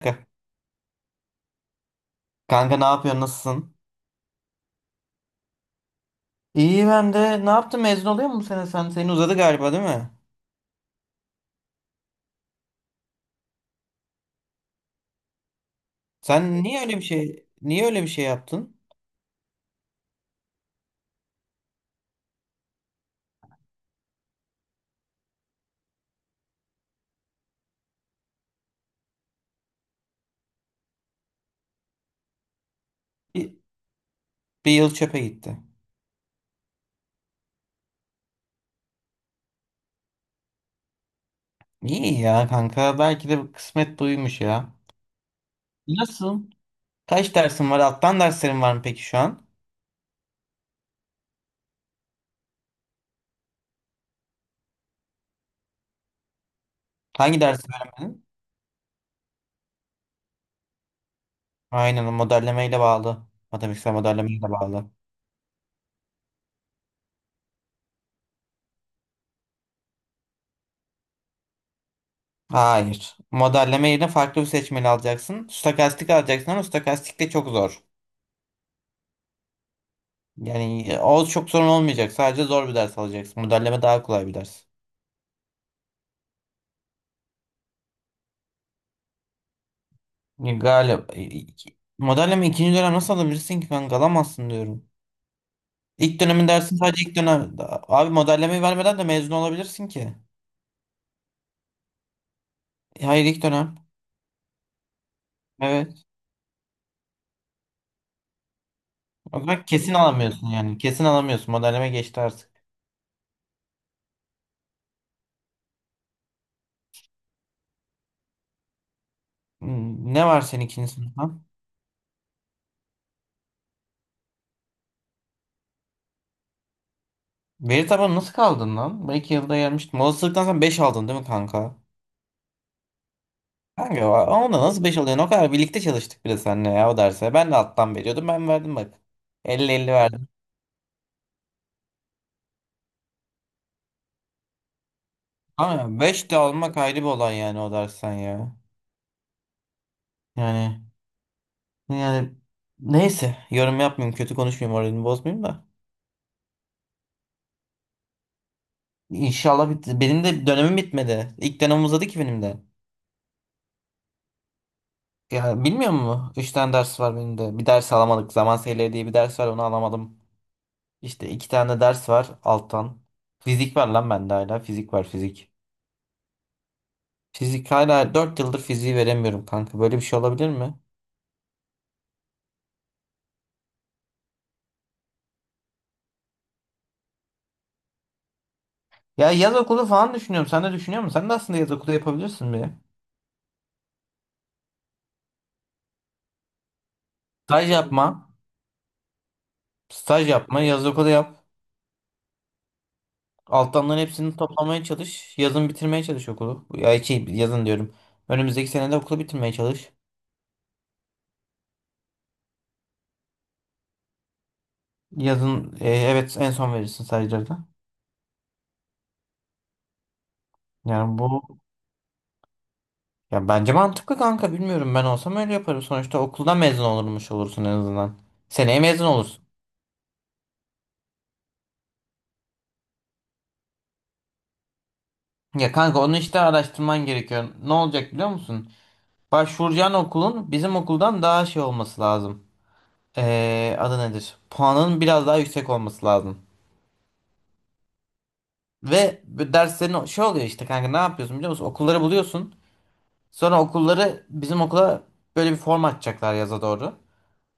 Kanka, kanka ne yapıyorsun? Nasılsın? İyi ben de. Ne yaptın? Mezun oluyor mu bu sene sen? Senin uzadı galiba, değil mi? Sen niye öyle bir şey, yaptın? Bir, Bir yıl çöpe gitti. İyi ya kanka. Belki de kısmet buymuş ya. Nasıl? Kaç dersin var? Alttan derslerin var mı peki şu an? Hangi dersi veremedin? Aynen, o modellemeyle bağlı. Matematiksel modellemeyle bağlı. Hayır, modelleme yerine farklı bir seçmeli alacaksın. Stokastik alacaksın ama stokastik de çok zor. Yani o çok sorun olmayacak. Sadece zor bir ders alacaksın. Modelleme daha kolay bir ders. Galiba modelleme ikinci dönem nasıl alabilirsin ki kanka? Alamazsın diyorum. İlk dönemin dersi sadece ilk dönem. Abi modellemeyi vermeden de mezun olabilirsin ki. Hayır, ilk dönem. Evet. O zaman kesin alamıyorsun yani. Kesin alamıyorsun. Modelleme geçti artık. Hmm, ne var senin ikinci sınıftan? Veri tabanı nasıl kaldın lan? Ben iki yılda gelmiştim. Olasılıktan sen 5 aldın değil mi kanka? Kanka onda nasıl 5 oluyor? O kadar birlikte çalıştık bile seninle ya o derse. Ben de alttan veriyordum. Ben verdim bak. Elli 50 verdim. Ama 5 de almak ayrı bir olay yani o dersten ya. Yani yani, neyse, yorum yapmayayım. Kötü konuşmayayım. Moralini bozmayayım da. İnşallah benim de dönemim bitmedi. İlk dönem uzadı ki benim de. Ya bilmiyor musun? 3 tane ders var benim de. Bir ders alamadık. Zaman seyirleri diye bir ders var, onu alamadım. İşte 2 tane de ders var alttan. Fizik var lan bende hala. Fizik var, fizik. Fizik hala 4 yıldır fiziği veremiyorum kanka. Böyle bir şey olabilir mi? Ya yaz okulu falan düşünüyorum. Sen de düşünüyor musun? Sen de aslında yaz okulu yapabilirsin bir. Staj yapma. Staj yapma. Yaz okulu yap. Alttanların hepsini toplamaya çalış. Yazın bitirmeye çalış okulu. Ya şey, yazın diyorum. Önümüzdeki senede okulu bitirmeye çalış. Yazın evet, en son verirsin stajları da. Yani bu, ya bence mantıklı kanka. Bilmiyorum, ben olsam öyle yaparım. Sonuçta okuldan mezun olurmuş olursun en azından. Seneye mezun olursun. Ya kanka, onu işte araştırman gerekiyor. Ne olacak biliyor musun? Başvuracağın okulun bizim okuldan daha şey olması lazım. Adı nedir? Puanın biraz daha yüksek olması lazım. Ve bu derslerin şey oluyor işte kanka, ne yapıyorsun biliyor musun? Okulları buluyorsun. Sonra okulları bizim okula, böyle bir form açacaklar yaza doğru.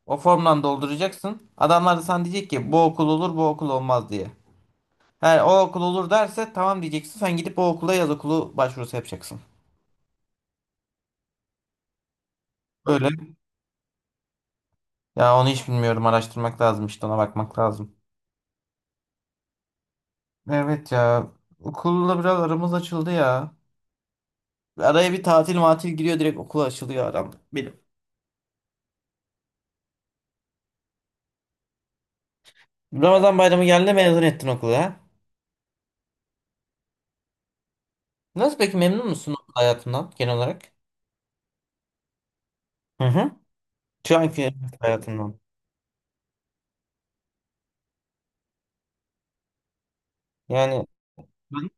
O formdan dolduracaksın. Adamlar da sana diyecek ki bu okul olur bu okul olmaz diye. Eğer o okul olur derse tamam diyeceksin. Sen gidip o okula yaz okulu başvurusu yapacaksın. Ya onu hiç bilmiyorum. Araştırmak lazım, işte ona bakmak lazım. Evet ya. Okulla biraz aramız açıldı ya. Araya bir tatil matil giriyor, direkt okul açılıyor aramda. Benim. Ramazan bayramı geldi, mezun ettin okulu ha. Nasıl, peki memnun musun okul hayatından genel olarak? Hı hı. Şu anki üniversite hayatından. Yani Ben-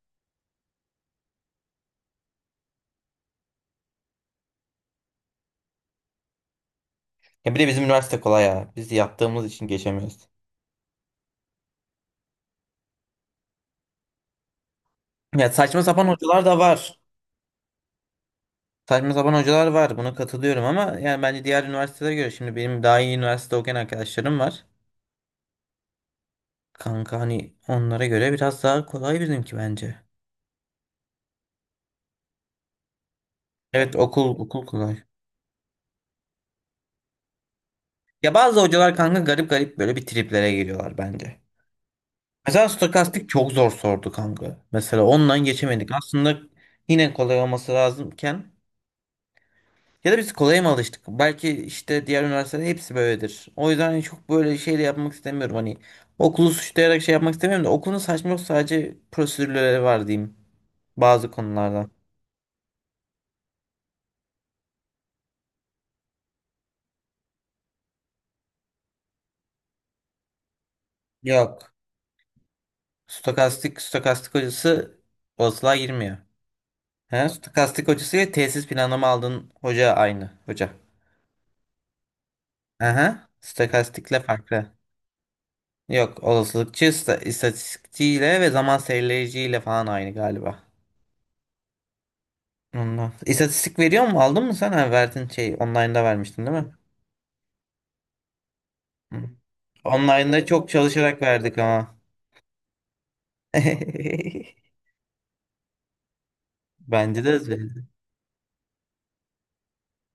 ya bir de bizim üniversite kolay ya. Biz yattığımız için geçemiyoruz. Ya saçma sapan hocalar da var. Saçma sapan hocalar var. Buna katılıyorum ama yani bence diğer üniversitelere göre, şimdi benim daha iyi üniversite okuyan arkadaşlarım var. Kanka hani onlara göre biraz daha kolay bizimki bence. Evet, okul kolay. Ya bazı hocalar kanka garip garip böyle bir triplere giriyorlar bence. Mesela stokastik çok zor sordu kanka. Mesela ondan geçemedik. Aslında yine kolay olması lazımken, ya da biz kolaya mı alıştık? Belki işte diğer üniversitelerin hepsi böyledir. O yüzden hani çok böyle şey de yapmak istemiyorum. Hani okulu suçlayarak şey yapmak istemiyorum da okulun saçma yok, sadece prosedürleri var diyeyim bazı konularda. Yok. Stokastik hocası bozluğa girmiyor. He, stokastik hocası ile tesis planlama aldığın hoca aynı hoca. Aha, stokastikle farklı. Yok, olasılıkçı istatistikçiyle ve zaman serileyiciyle falan aynı galiba. Ondan. İstatistik veriyor mu? Aldın mı sen? Ha, verdin, şey online'da vermiştin değil mi? Hı. Online'da çok çalışarak verdik ama. Bence de öyle.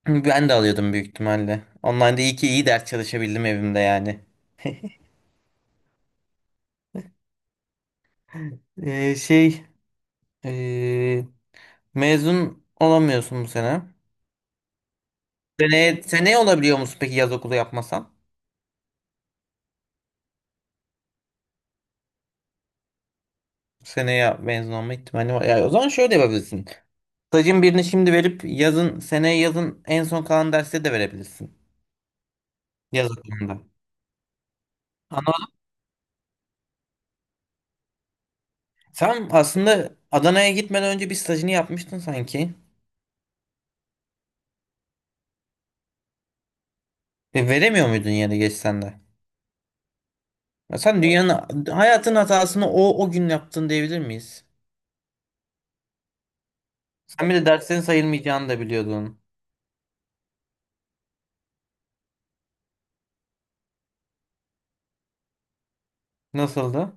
Ben de alıyordum büyük ihtimalle. Online'da iyi ki iyi ders çalışabildim evimde yani. Ee, şey Ee, mezun olamıyorsun bu sene. Seneye olabiliyor musun peki yaz okulu yapmasan? Seneye mezun olma ihtimali var. Ya, o zaman şöyle yapabilirsin. Stajın birini şimdi verip yazın, seneye yazın en son kalan derste de verebilirsin. Yaz okulunda. Anladım. Sen aslında Adana'ya gitmeden önce bir stajını yapmıştın sanki. E, veremiyor muydun yeri geçsen de? Ya sen dünyanın hayatın hatasını o gün yaptın diyebilir miyiz? Sen bir de derslerin sayılmayacağını da biliyordun. Nasıldı?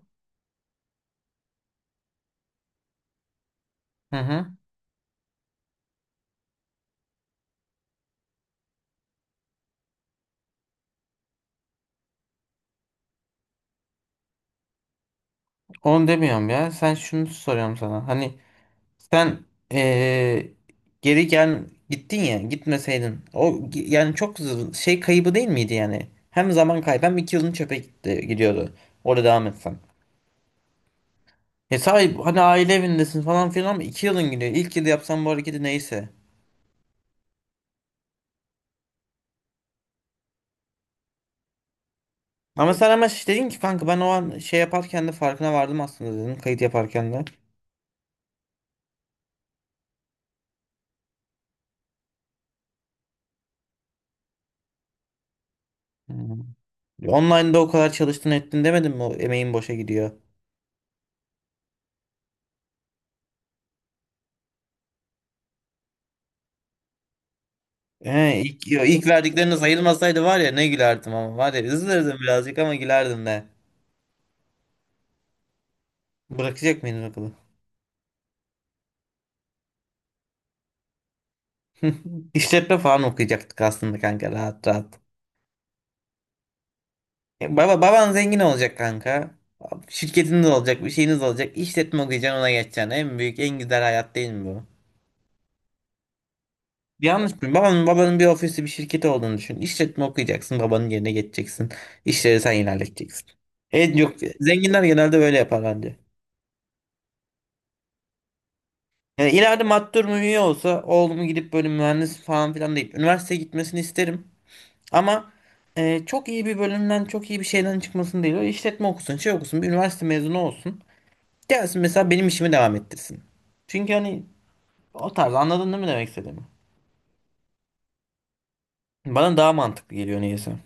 Hı hı. Onu demiyorum ya. Sen şunu soruyorum sana. Hani sen, eee, geri gel, gittin ya, gitmeseydin. Yani çok şey kaybı değil miydi yani? Hem zaman kaybı, hem iki yılın çöpe gitti, gidiyordu. Orada devam etsen. E sahip, hani aile evindesin falan filan ama iki yılın gidiyor. İlk yıl yapsan bu hareketi neyse. Ama sen, ama şey dedin ki kanka, ben o an şey yaparken de farkına vardım aslında dedin. Kayıt yaparken de. Hmm. Online'da o kadar çalıştın ettin, demedin mi o emeğin boşa gidiyor. He, ilk, yo, ilk verdikleriniz sayılmasaydı var ya ne gülerdim, ama var ya üzülürdüm birazcık ama gülerdim de. Bırakacak mıydın okulu? İşletme falan okuyacaktık aslında kanka rahat rahat. E, baban zengin olacak kanka. Şirketiniz olacak, bir şeyiniz olacak. İşletme okuyacaksın, ona geçeceksin. En büyük, en güzel hayat değil mi bu? Yanlış mı? Babanın bir ofisi, bir şirketi olduğunu düşün. İşletme okuyacaksın, babanın yerine geçeceksin. İşleri sen ilerleteceksin. E, yok, zenginler genelde böyle yapar bence. Yani ileride master üye olsa oğlumu gidip böyle mühendis falan filan değil. Üniversiteye gitmesini isterim. Ama çok iyi bir bölümden çok iyi bir şeyden çıkmasını değil. Öyle işletme okusun, şey okusun, bir üniversite mezunu olsun. Gelsin mesela benim işimi devam ettirsin. Çünkü hani o tarz, anladın değil mi demek istediğimi? Bana daha mantıklı geliyor neyse.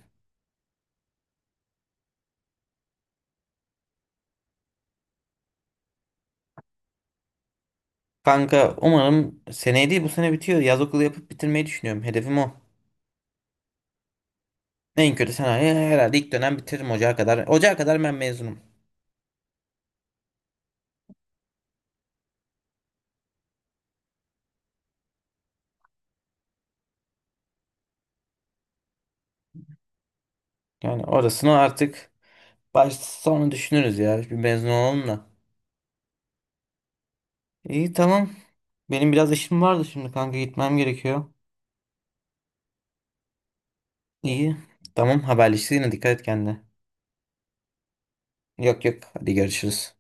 Kanka umarım seneye değil bu sene bitiyor. Yaz okulu yapıp bitirmeyi düşünüyorum. Hedefim o. En kötü senaryo herhalde ilk dönem bitiririm, ocağa kadar. Ocağa kadar ben mezunum. Yani orasını artık, başta sonra düşünürüz ya. Bir mezun olalım da. İyi, tamam. Benim biraz işim vardı şimdi kanka, gitmem gerekiyor. İyi. Tamam, haberleşiriz yine, dikkat et kendine. Yok yok, hadi görüşürüz.